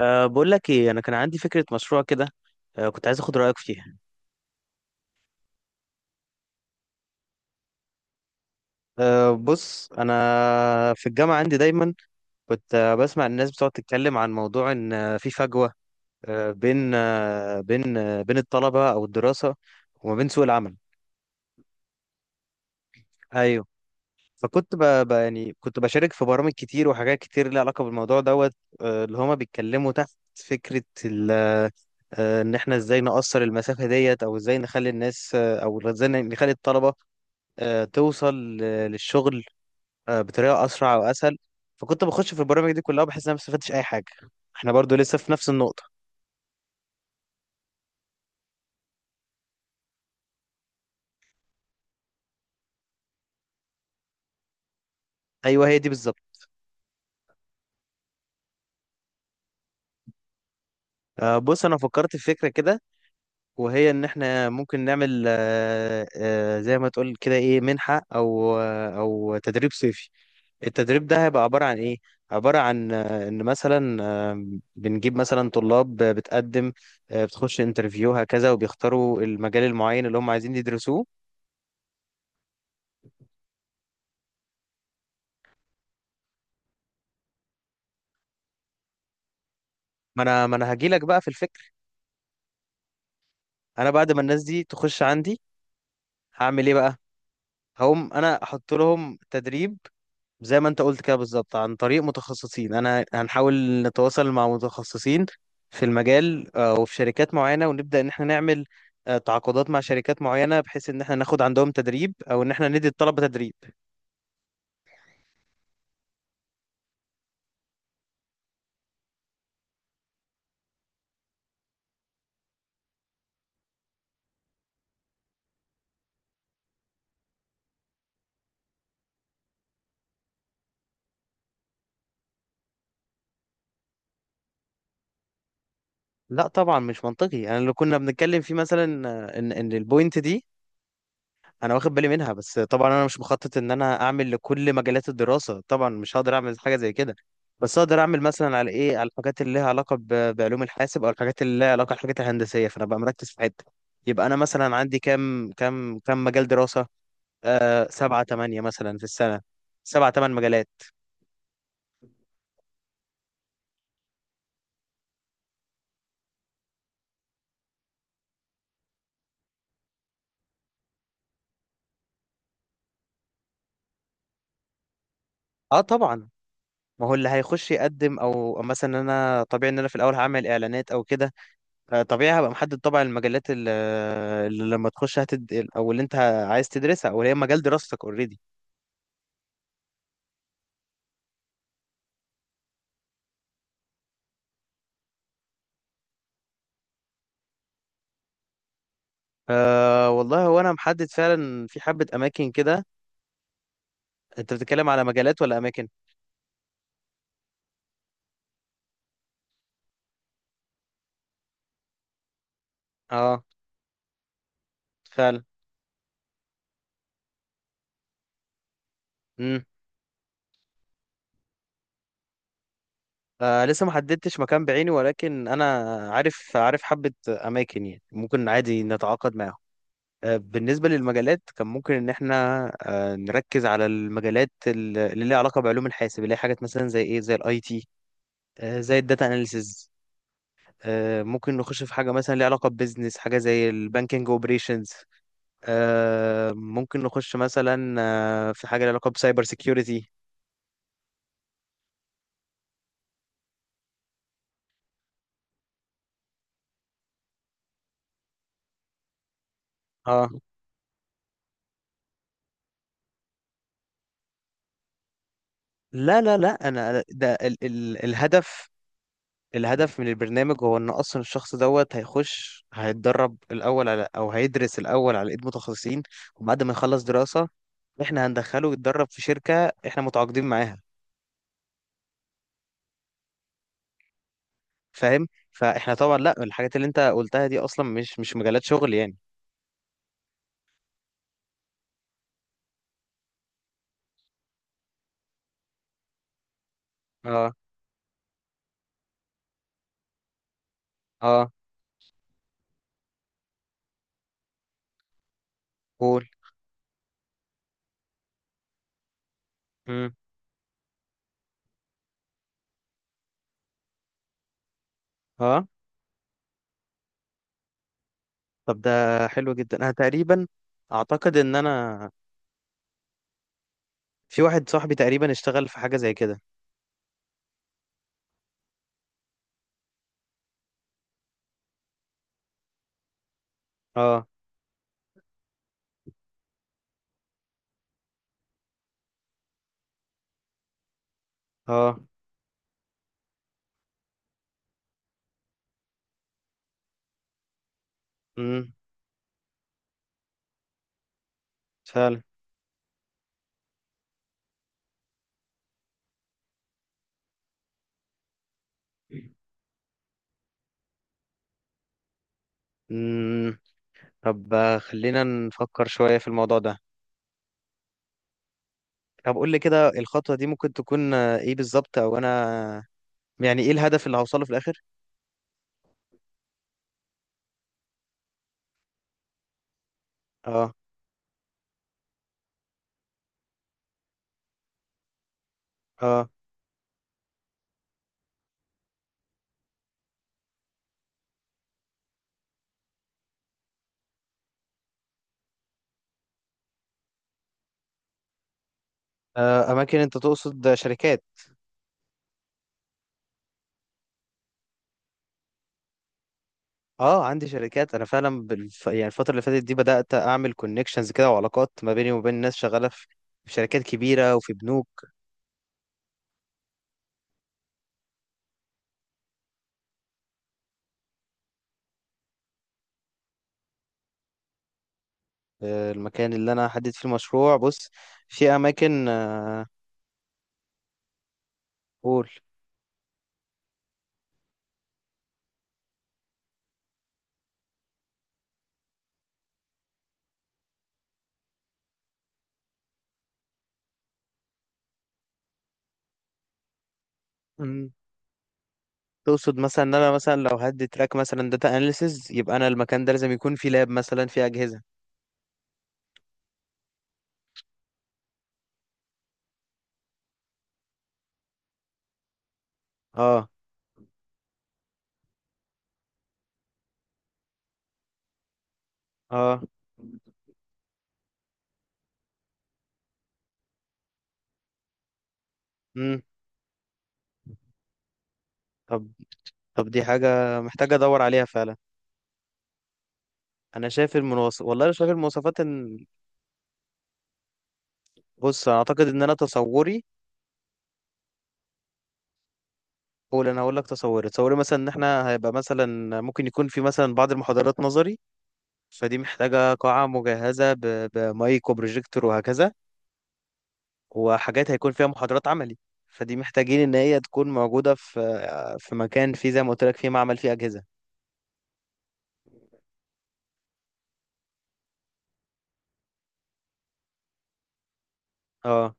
بقول لك ايه، انا كان عندي فكره مشروع كده. كنت عايز اخد رايك فيها. بص، انا في الجامعه عندي دايما كنت بسمع الناس بتقعد تتكلم عن موضوع ان في فجوه أه بين أه بين أه بين الطلبه او الدراسه وما بين سوق العمل. ايوه. فكنت يعني كنت بشارك في برامج كتير وحاجات كتير ليها علاقه بالموضوع دوت. اللي هما بيتكلموا تحت فكره ان احنا ازاي نقصر المسافه ديت، او ازاي نخلي الناس، او ازاي نخلي الطلبه توصل للشغل بطريقه اسرع واسهل. فكنت بخش في البرامج دي كلها وبحس ان انا ما استفدتش اي حاجه. احنا برضو لسه في نفس النقطه. ايوه، هي دي بالظبط. بص انا فكرت في فكره كده، وهي ان احنا ممكن نعمل زي ما تقول كده، ايه، منحه او تدريب صيفي. التدريب ده هيبقى عباره عن ايه؟ عباره عن ان مثلا بنجيب مثلا طلاب بتقدم، بتخش انترفيو هكذا وبيختاروا المجال المعين اللي هم عايزين يدرسوه. ما انا هجيلك بقى في الفكره. انا بعد ما الناس دي تخش عندي هعمل ايه بقى؟ هقوم انا احط لهم تدريب، زي ما انت قلت كده بالظبط، عن طريق متخصصين. انا هنحاول نتواصل مع متخصصين في المجال، وفي شركات معينة، ونبدأ ان احنا نعمل تعاقدات مع شركات معينة، بحيث ان احنا ناخد عندهم تدريب او ان احنا ندي الطلبة تدريب. لا طبعا مش منطقي. انا اللي كنا بنتكلم فيه مثلا، ان البوينت دي انا واخد بالي منها. بس طبعا انا مش مخطط ان انا اعمل لكل مجالات الدراسه، طبعا مش هقدر اعمل حاجه زي كده. بس اقدر اعمل مثلا على ايه، على الحاجات اللي لها علاقه بعلوم الحاسب، او الحاجات اللي لها علاقه بالحاجات الهندسيه. فانا بقى مركز في حته. يبقى انا مثلا عندي كام مجال دراسه، سبعة تمانية مثلا في السنه، سبعة تمن مجالات. اه طبعا. ما هو اللي هيخش يقدم، او مثلا انا طبيعي ان انا في الاول هعمل اعلانات او كده. طبيعي هبقى محدد طبعا المجالات اللي لما تخش او اللي انت عايز تدرسها، او اللي هي مجال دراستك اوريدي. والله هو انا محدد فعلا في حبة اماكن كده. انت بتتكلم على مجالات ولا اماكن؟ اه فعلا. امم. لسه ما حددتش مكان بعيني، ولكن انا عارف حبة اماكن، يعني ممكن عادي نتعاقد معاهم. بالنسبة للمجالات، كان ممكن ان احنا نركز على المجالات اللي ليها علاقة بعلوم الحاسب، اللي هي حاجات مثلا زي ايه، زي الاي تي، زي الداتا اناليسز. ممكن نخش في حاجة مثلا ليها علاقة ببيزنس، حاجة زي البانكينج اوبريشنز. ممكن نخش مثلا في حاجة ليها علاقة بسايبر سيكيورتي. اه. لا، لا، لا، انا ده ال الهدف. الهدف من البرنامج هو ان اصلا الشخص دوت هيخش هيتدرب الاول على، او هيدرس الاول على ايد متخصصين، وبعد ما يخلص دراسة احنا هندخله يتدرب في شركة احنا متعاقدين معاها. فاهم؟ فاحنا طبعا لا، الحاجات اللي انت قلتها دي اصلا مش مجالات شغل يعني. اه. اه، قول. امم. اه. طب ده حلو جدا. انا تقريبا اعتقد ان انا، في واحد صاحبي تقريبا اشتغل في حاجه زي كده. اه، اه. امم، فعلا. امم. طب، خلينا نفكر شويه في الموضوع ده. طب قول لي كده، الخطوه دي ممكن تكون ايه بالظبط؟ او انا يعني ايه الهدف اللي هوصله في الاخر؟ اه. اه. اماكن انت تقصد، شركات؟ اه، عندي شركات انا فعلا يعني الفتره اللي فاتت دي بدات اعمل كونكشنز كده، وعلاقات ما بيني وبين ناس شغاله في شركات كبيره وفي بنوك. المكان اللي انا هحدد فيه المشروع، بص، في اماكن قول. مم. تقصد مثلا ان انا مثلا لو هدي تراك مثلا داتا اناليسز، يبقى انا المكان ده لازم يكون فيه لاب مثلا، فيه اجهزه. اه. اه. امم. طب طب دي حاجه محتاجه ادور عليها فعلا. انا شايف المنوصف، والله انا شايف المواصفات ان، بص انا اعتقد ان انا تصوري. قول. انا هقول لك تصوري. تصوري مثلا ان احنا هيبقى مثلا ممكن يكون في مثلا بعض المحاضرات نظري، فدي محتاجة قاعة مجهزة بمايك وبروجيكتور وهكذا. وحاجات هيكون فيها محاضرات عملي، فدي محتاجين ان هي تكون موجودة في مكان، فيه زي ما قلت لك فيه معمل، فيه أجهزة. اه.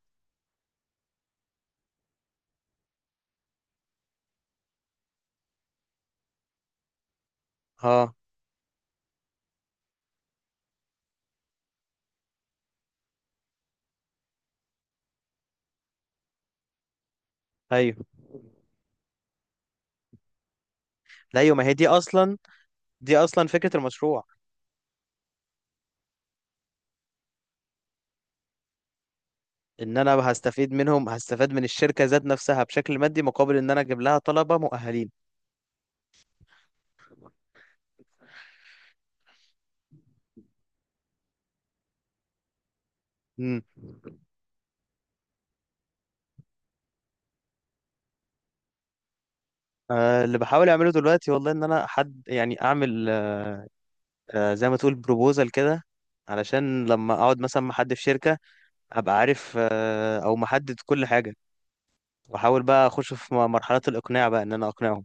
اه. ايوه. لا ايوه، ما هي دي اصلا، دي اصلا فكرة المشروع. ان انا هستفيد منهم، هستفاد من الشركة ذات نفسها بشكل مادي مقابل ان انا اجيب لها طلبة مؤهلين. امم. اللي بحاول اعمله دلوقتي والله، ان انا حد يعني اعمل زي ما تقول بروبوزال كده، علشان لما اقعد مثلا مع حد في شركة، ابقى عارف او محدد كل حاجة. واحاول بقى اخش في مرحلة الاقناع بقى، ان انا اقنعهم.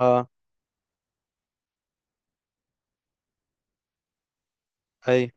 اه. اي.